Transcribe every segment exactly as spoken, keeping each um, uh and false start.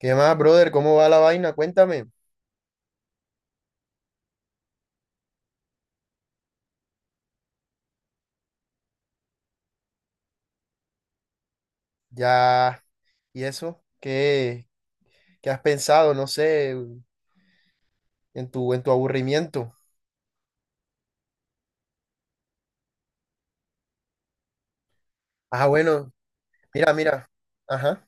¿Qué más, brother? ¿Cómo va la vaina? Cuéntame. Ya, ¿y eso? ¿Qué, qué has pensado? No sé, en tu, en tu aburrimiento. Ah, bueno, mira, mira. Ajá.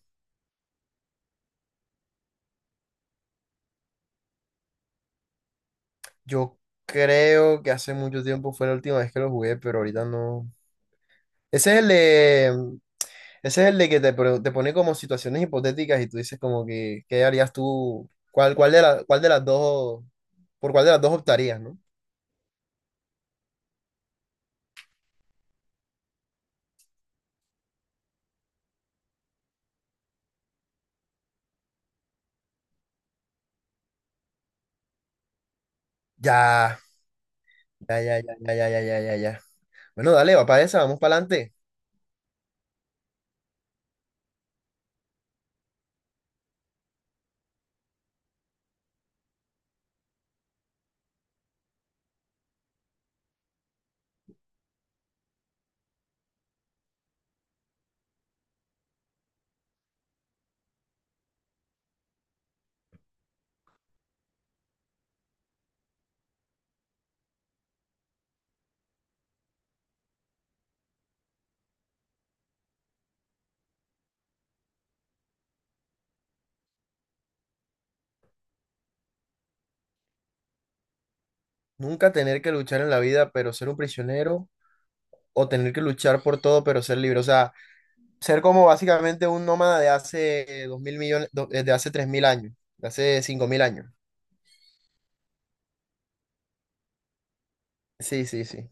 Yo creo que hace mucho tiempo fue la última vez que lo jugué, pero ahorita no. Ese es el de, mm, ese es el de que te, pro- te pone como situaciones hipotéticas y tú dices como que, ¿qué harías tú? ¿Cuál, cuál de la, cuál de las dos, por cuál de las dos optarías, no? Ya, ya, ya, ya, ya, ya, ya, ya, ya, ya. Bueno, dale, va para esa, vamos para adelante. Nunca tener que luchar en la vida, pero ser un prisionero, o tener que luchar por todo, pero ser libre. O sea, ser como básicamente un nómada de hace eh, dos mil millones, do- eh, de hace tres mil años, de hace cinco mil años. Sí, sí, sí.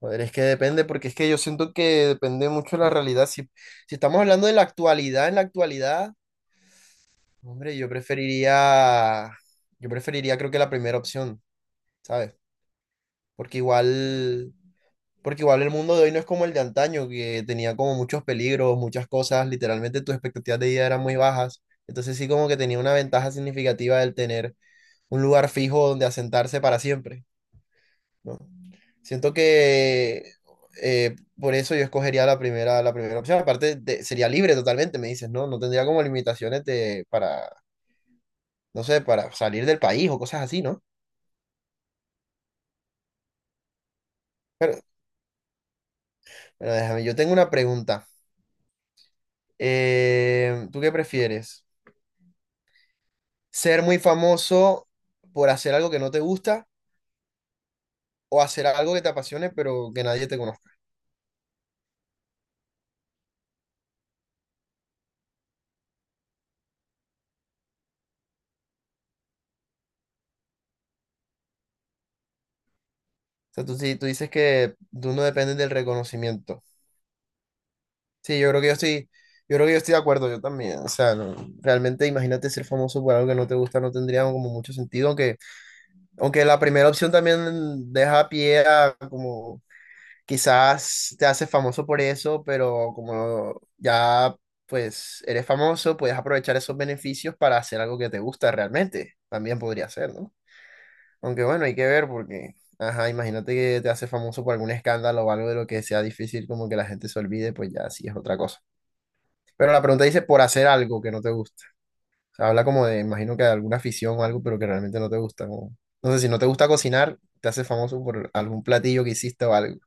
Joder, es que depende, porque es que yo siento que depende mucho de la realidad. Si, si estamos hablando de la actualidad, en la actualidad, hombre, yo preferiría, yo preferiría creo que la primera opción, ¿sabes? Porque igual. Porque igual el mundo de hoy no es como el de antaño, que tenía como muchos peligros, muchas cosas, literalmente tus expectativas de vida eran muy bajas. Entonces sí como que tenía una ventaja significativa el tener un lugar fijo donde asentarse para siempre, ¿no? Siento que eh, por eso yo escogería la primera, la primera opción. Aparte de- sería libre totalmente, me dices, ¿no? No tendría como limitaciones de, para, no sé, para salir del país o cosas así, ¿no? Pero, pero déjame, yo tengo una pregunta. Eh, ¿tú qué prefieres? Ser muy famoso por hacer algo que no te gusta o hacer algo que te apasione pero que nadie te conozca. O sea, tú, sí- tú dices que tú no dependes del reconocimiento. Sí, yo creo que yo estoy, yo creo que yo estoy de acuerdo, yo también. O sea, no- realmente imagínate ser famoso por algo que no te gusta, no tendría como mucho sentido, aunque, aunque la primera opción también deja pie a como quizás te haces famoso por eso, pero como ya pues eres famoso, puedes aprovechar esos beneficios para hacer algo que te gusta realmente. También podría ser, ¿no? Aunque bueno, hay que ver porque, ajá, imagínate que te haces famoso por algún escándalo o algo de lo que sea difícil como que la gente se olvide, pues ya sí es otra cosa. Pero la pregunta dice por hacer algo que no te gusta. O sea, habla como de, imagino que de alguna afición o algo, pero que realmente no te gusta, como- no sé, si no te gusta cocinar, te haces famoso por algún platillo que hiciste o algo.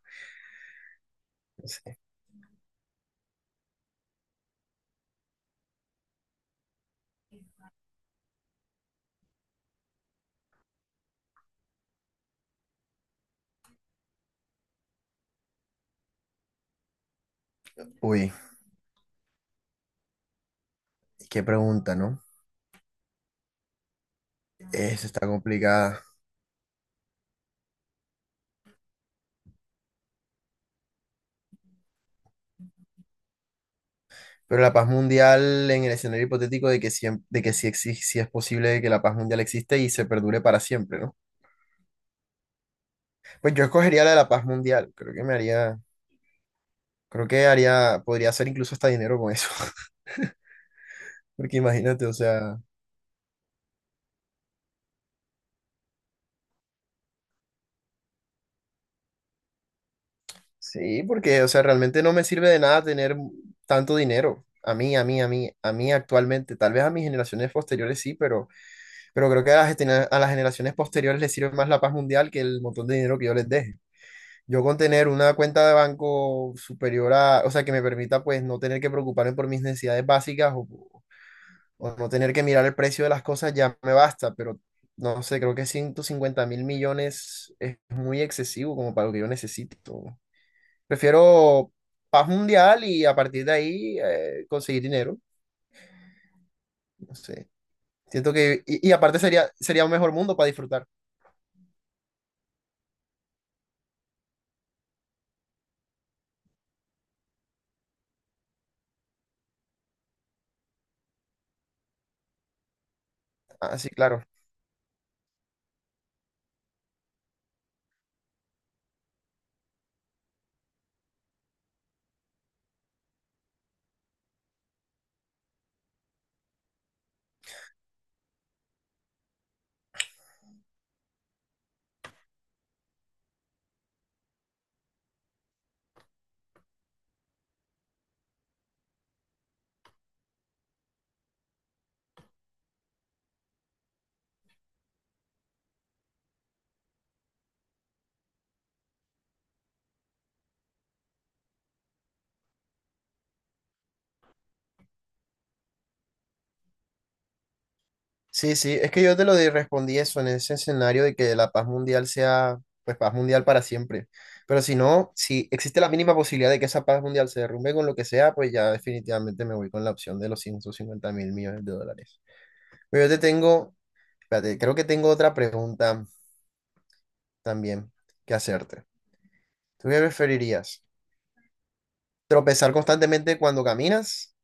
No sé. Uy, qué pregunta, ¿no? Esa está complicada. Pero la paz mundial en el escenario hipotético de que, siem- de que sí, exi- sí es posible que la paz mundial existe y se perdure para siempre, ¿no? Pues yo escogería la de la paz mundial. Creo que me haría, creo que haría, podría hacer incluso hasta dinero con eso. Porque imagínate, o sea, sí, porque, o sea, realmente no me sirve de nada tener tanto dinero. A mí, a mí, a mí, a mí actualmente, tal vez a mis generaciones posteriores sí, pero, pero creo que a las, gener- a las generaciones posteriores les sirve más la paz mundial que el montón de dinero que yo les deje. Yo con tener una cuenta de banco superior a, o sea, que me permita pues no tener que preocuparme por mis necesidades básicas o, o no tener que mirar el precio de las cosas ya me basta, pero no sé, creo que ciento cincuenta mil millones es muy excesivo como para lo que yo necesito. Prefiero paz mundial y a partir de ahí eh, conseguir dinero, no sé. Siento que, y, y aparte sería, sería un mejor mundo para disfrutar. Así, claro. Sí, sí, es que yo te lo di- respondí eso en ese escenario de que la paz mundial sea, pues, paz mundial para siempre. Pero si no, si existe la mínima posibilidad de que esa paz mundial se derrumbe con lo que sea, pues ya definitivamente me voy con la opción de los ciento cincuenta mil millones de dólares. Pero yo te tengo, espérate, creo que tengo otra pregunta también que hacerte. ¿Tú qué preferirías? ¿Tropezar constantemente cuando caminas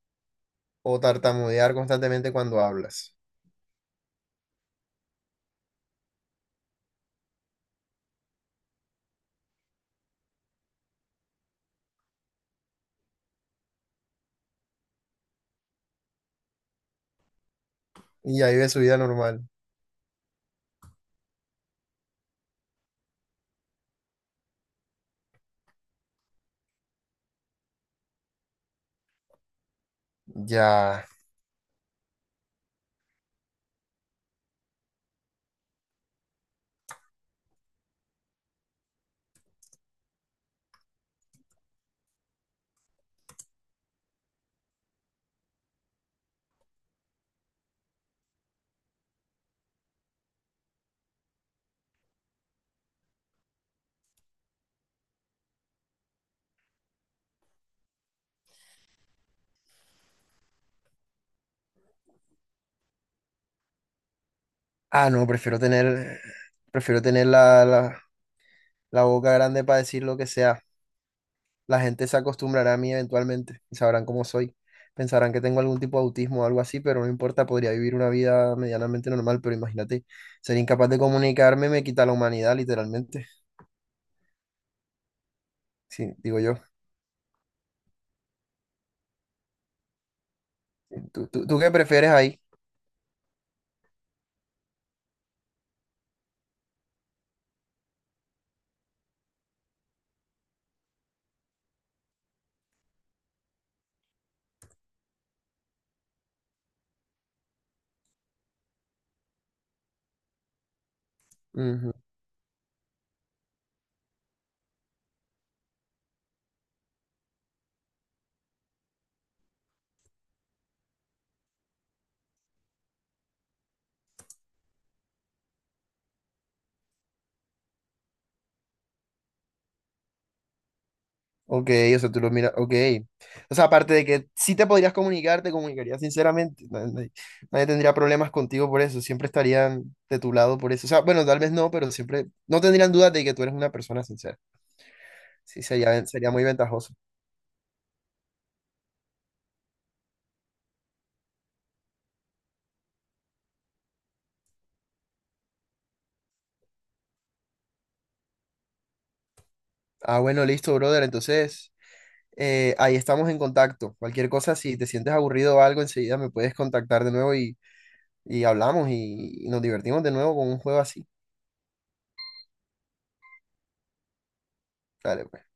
o tartamudear constantemente cuando hablas? Y ahí vive su vida normal. Ya. Ah, no, prefiero tener, prefiero tener la, la, la boca grande para decir lo que sea. La gente se acostumbrará a mí eventualmente y sabrán cómo soy. Pensarán que tengo algún tipo de autismo o algo así, pero no importa, podría vivir una vida medianamente normal, pero imagínate, ser incapaz de comunicarme me quita la humanidad, literalmente. Sí, digo yo. ¿Tú, tú, tú qué prefieres ahí? Ujú. Ok, o sea, tú lo miras, ok. O sea, aparte de que si te podrías comunicar, te comunicarías sinceramente. na- Nadie, nadie tendría problemas contigo por eso, siempre estarían de tu lado por eso. O sea, bueno, tal vez no, pero siempre, no tendrían dudas de que tú eres una persona sincera. Sí, sería, sería muy ventajoso. Ah, bueno, listo, brother. Entonces, eh, ahí estamos en contacto. Cualquier cosa, si te sientes aburrido o algo, enseguida me puedes contactar de nuevo y, y hablamos y, y nos divertimos de nuevo con un juego así. Dale, pues.